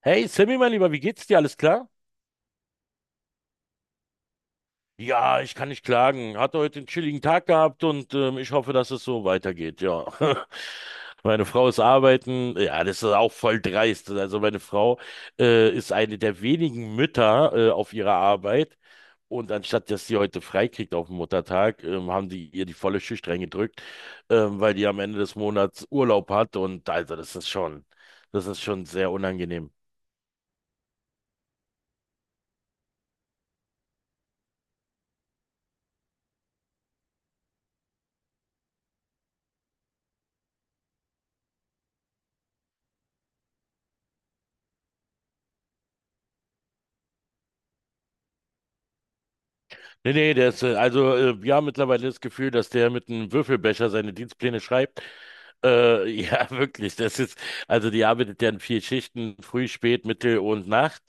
Hey Sammy, mein Lieber, wie geht's dir? Alles klar? Ja, ich kann nicht klagen. Hatte heute einen chilligen Tag gehabt und ich hoffe, dass es so weitergeht, ja. Meine Frau ist arbeiten. Ja, das ist auch voll dreist. Also meine Frau ist eine der wenigen Mütter auf ihrer Arbeit. Und anstatt, dass sie heute frei kriegt auf dem Muttertag, haben die ihr die volle Schicht reingedrückt, weil die am Ende des Monats Urlaub hat. Und also das ist schon sehr unangenehm. Nee, nee, der ist, also wir haben mittlerweile das Gefühl, dass der mit einem Würfelbecher seine Dienstpläne schreibt. Ja, wirklich, das ist, also die arbeitet ja in vier Schichten, früh, spät, Mittel und Nacht.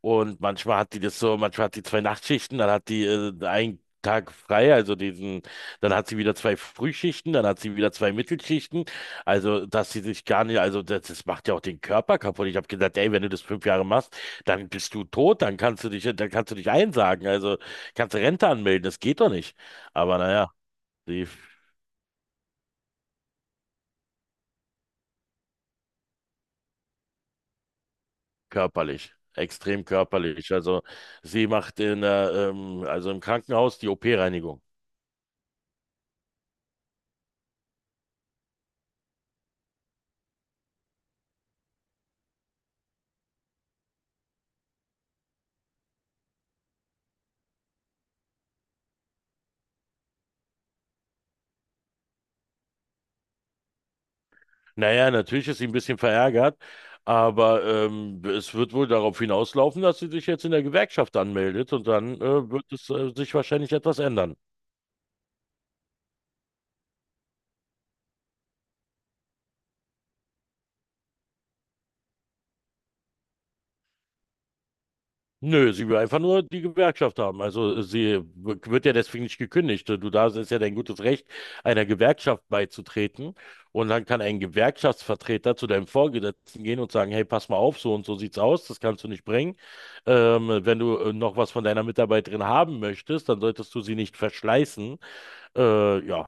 Und manchmal hat die das so, manchmal hat die zwei Nachtschichten, dann hat die einen Tag frei, also diesen, dann hat sie wieder zwei Frühschichten, dann hat sie wieder zwei Mittelschichten. Also, dass sie sich gar nicht, also das macht ja auch den Körper kaputt. Ich habe gesagt, ey, wenn du das 5 Jahre machst, dann bist du tot, dann kannst du dich einsagen. Also kannst Rente anmelden, das geht doch nicht. Aber naja, sie f- körperlich, extrem körperlich. Also sie macht in der, also im Krankenhaus die OP-Reinigung. Naja, natürlich ist sie ein bisschen verärgert, aber es wird wohl darauf hinauslaufen, dass sie sich jetzt in der Gewerkschaft anmeldet und dann wird es sich wahrscheinlich etwas ändern. Nö, sie will einfach nur die Gewerkschaft haben. Also sie wird ja deswegen nicht gekündigt. Du, da ist ja dein gutes Recht, einer Gewerkschaft beizutreten. Und dann kann ein Gewerkschaftsvertreter zu deinem Vorgesetzten gehen und sagen, hey, pass mal auf, so und so sieht's aus, das kannst du nicht bringen. Wenn du noch was von deiner Mitarbeiterin haben möchtest, dann solltest du sie nicht verschleißen. Ja.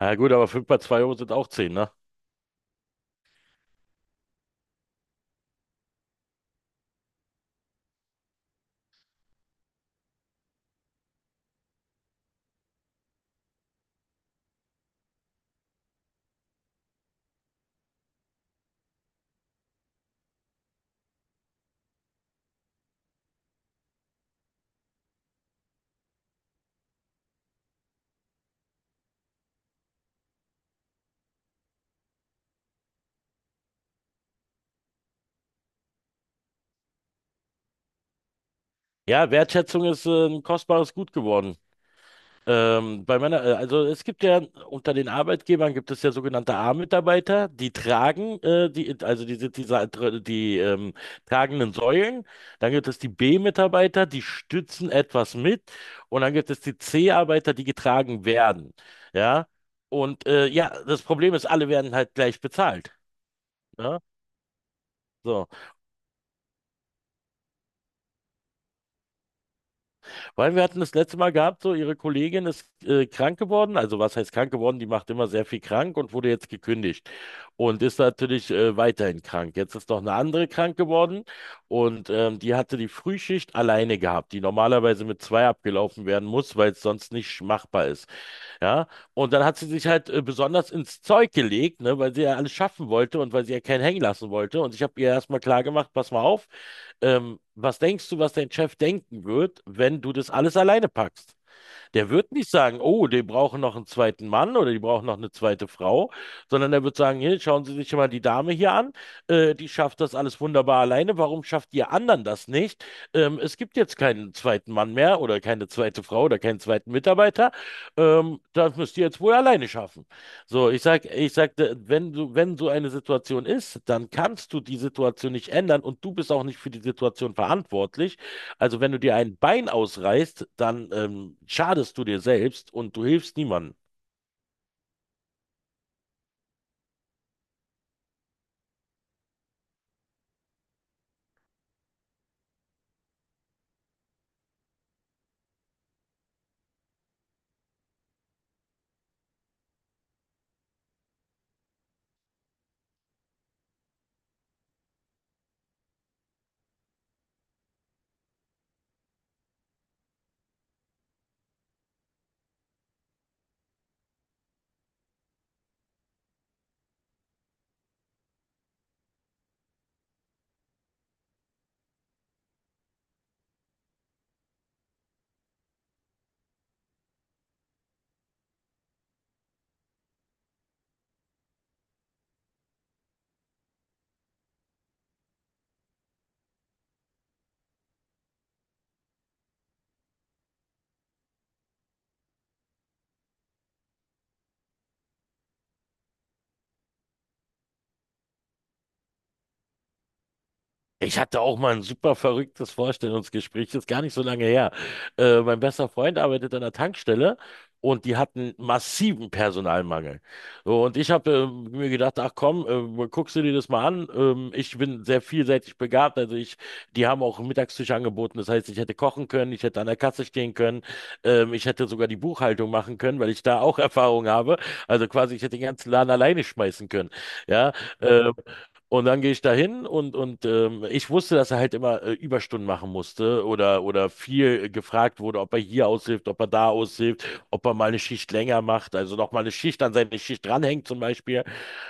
Na gut, aber fünf mal 2 Euro sind auch 10, ne? Ja, Wertschätzung ist ein kostbares Gut geworden. Bei meiner, also es gibt ja unter den Arbeitgebern gibt es ja sogenannte A-Mitarbeiter, die tragen, die, also die sind diese, die tragenden Säulen. Dann gibt es die B-Mitarbeiter, die stützen etwas mit. Und dann gibt es die C-Arbeiter, die getragen werden. Ja. Und ja, das Problem ist, alle werden halt gleich bezahlt. Ja? So. Weil wir hatten das letzte Mal gehabt, so ihre Kollegin ist krank geworden. Also was heißt krank geworden? Die macht immer sehr viel krank und wurde jetzt gekündigt und ist natürlich weiterhin krank. Jetzt ist noch eine andere krank geworden und die hatte die Frühschicht alleine gehabt, die normalerweise mit zwei abgelaufen werden muss, weil es sonst nicht machbar ist. Ja, und dann hat sie sich halt besonders ins Zeug gelegt, ne, weil sie ja alles schaffen wollte und weil sie ja keinen hängen lassen wollte. Und ich habe ihr erstmal klar gemacht, pass mal auf, was denkst du, was dein Chef denken wird, wenn du das alles alleine packst? Der wird nicht sagen, oh, die brauchen noch einen zweiten Mann oder die brauchen noch eine zweite Frau, sondern er wird sagen, hier, schauen Sie sich mal die Dame hier an, die schafft das alles wunderbar alleine, warum schafft ihr anderen das nicht? Es gibt jetzt keinen zweiten Mann mehr oder keine zweite Frau oder keinen zweiten Mitarbeiter, das müsst ihr jetzt wohl alleine schaffen. So, ich sagte, wenn so eine Situation ist, dann kannst du die Situation nicht ändern und du bist auch nicht für die Situation verantwortlich. Also wenn du dir ein Bein ausreißt, dann schadest du dir selbst und du hilfst niemandem. Ich hatte auch mal ein super verrücktes Vorstellungsgespräch, das ist gar nicht so lange her. Mein bester Freund arbeitet an der Tankstelle und die hatten massiven Personalmangel. So, und ich habe mir gedacht, ach komm, guckst du dir das mal an. Ich bin sehr vielseitig begabt, die haben auch einen Mittagstisch angeboten. Das heißt, ich hätte kochen können, ich hätte an der Kasse stehen können, ich hätte sogar die Buchhaltung machen können, weil ich da auch Erfahrung habe. Also quasi, ich hätte den ganzen Laden alleine schmeißen können. Ja, äh, und dann gehe ich da hin und, ich wusste, dass er halt immer Überstunden machen musste oder, viel gefragt wurde, ob er hier aushilft, ob er da aushilft, ob er mal eine Schicht länger macht, also noch mal eine Schicht an seine Schicht dranhängt zum Beispiel.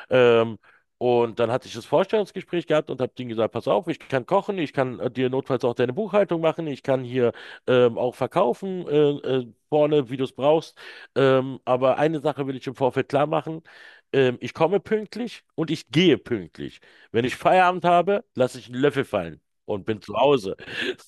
Ähm, und dann hatte ich das Vorstellungsgespräch gehabt und habe denen gesagt, pass auf, ich kann kochen, ich kann dir notfalls auch deine Buchhaltung machen, ich kann hier auch verkaufen vorne, wie du es brauchst. Aber eine Sache will ich im Vorfeld klar machen. Ich komme pünktlich und ich gehe pünktlich. Wenn ich Feierabend habe, lasse ich einen Löffel fallen. Und bin zu Hause.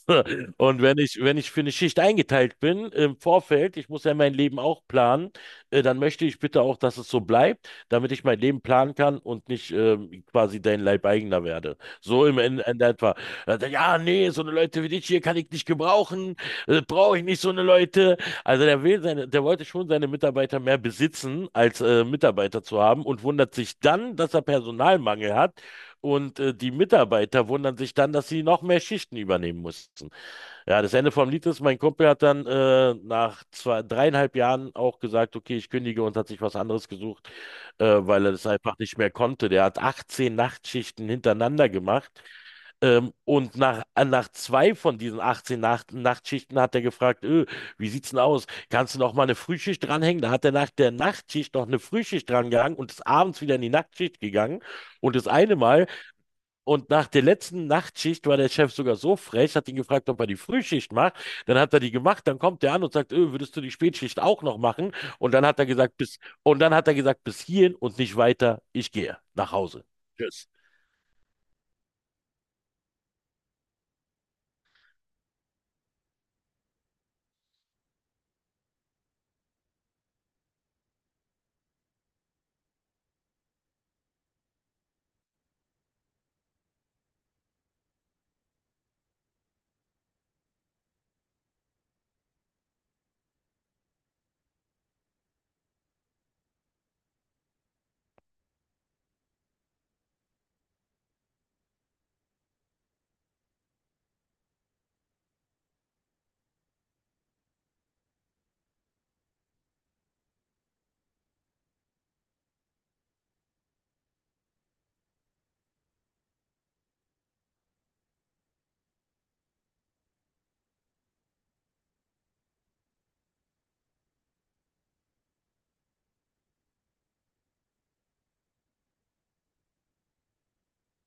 Und wenn ich, wenn ich für eine Schicht eingeteilt bin im Vorfeld, ich muss ja mein Leben auch planen, dann möchte ich bitte auch, dass es so bleibt, damit ich mein Leben planen kann und nicht quasi dein Leibeigener werde. So im Ende, Ende etwa. Ja, nee, so eine Leute wie dich hier kann ich nicht gebrauchen, brauche ich nicht so eine Leute. Also der wollte schon seine Mitarbeiter mehr besitzen, als Mitarbeiter zu haben und wundert sich dann, dass er Personalmangel hat. Und die Mitarbeiter wundern sich dann, dass sie noch mehr Schichten übernehmen mussten. Ja, das Ende vom Lied ist, mein Kumpel hat dann nach zwei, dreieinhalb Jahren auch gesagt, okay, ich kündige und hat sich was anderes gesucht, weil er das einfach nicht mehr konnte. Der hat 18 Nachtschichten hintereinander gemacht, und nach zwei von diesen 18 Nachtschichten hat er gefragt, wie sieht's denn aus? Kannst du noch mal eine Frühschicht dranhängen? Da hat er nach der Nachtschicht noch eine Frühschicht drangehangen und ist abends wieder in die Nachtschicht gegangen. Und das eine Mal und nach der letzten Nachtschicht war der Chef sogar so frech, hat ihn gefragt, ob er die Frühschicht macht. Dann hat er die gemacht, dann kommt der an und sagt, würdest du die Spätschicht auch noch machen? Und dann hat er gesagt, bis hierhin und nicht weiter, ich gehe nach Hause. Tschüss.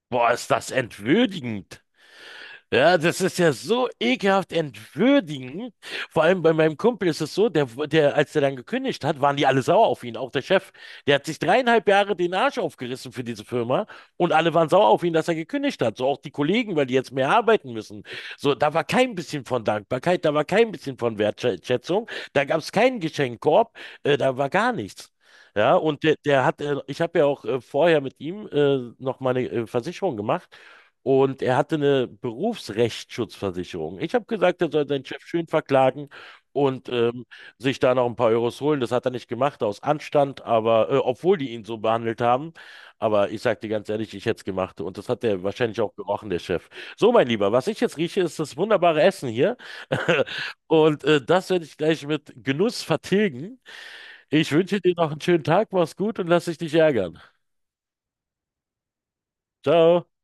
Boah, ist das entwürdigend. Ja, das ist ja so ekelhaft entwürdigend. Vor allem bei meinem Kumpel ist es so, der, der, als der dann gekündigt hat, waren die alle sauer auf ihn, auch der Chef. Der hat sich 3,5 Jahre den Arsch aufgerissen für diese Firma und alle waren sauer auf ihn, dass er gekündigt hat. So auch die Kollegen, weil die jetzt mehr arbeiten müssen. So, da war kein bisschen von Dankbarkeit, da war kein bisschen von Wertschätzung, da gab es keinen Geschenkkorb, da war gar nichts. Ja, und ich habe ja auch vorher mit ihm noch meine Versicherung gemacht. Und er hatte eine Berufsrechtsschutzversicherung. Ich habe gesagt, er soll seinen Chef schön verklagen und sich da noch ein paar Euros holen. Das hat er nicht gemacht, aus Anstand, aber obwohl die ihn so behandelt haben. Aber ich sage dir ganz ehrlich, ich hätte es gemacht. Und das hat er wahrscheinlich auch gerochen, der Chef. So, mein Lieber, was ich jetzt rieche, ist das wunderbare Essen hier. Und das werde ich gleich mit Genuss vertilgen. Ich wünsche dir noch einen schönen Tag, mach's gut und lass dich nicht ärgern. Ciao.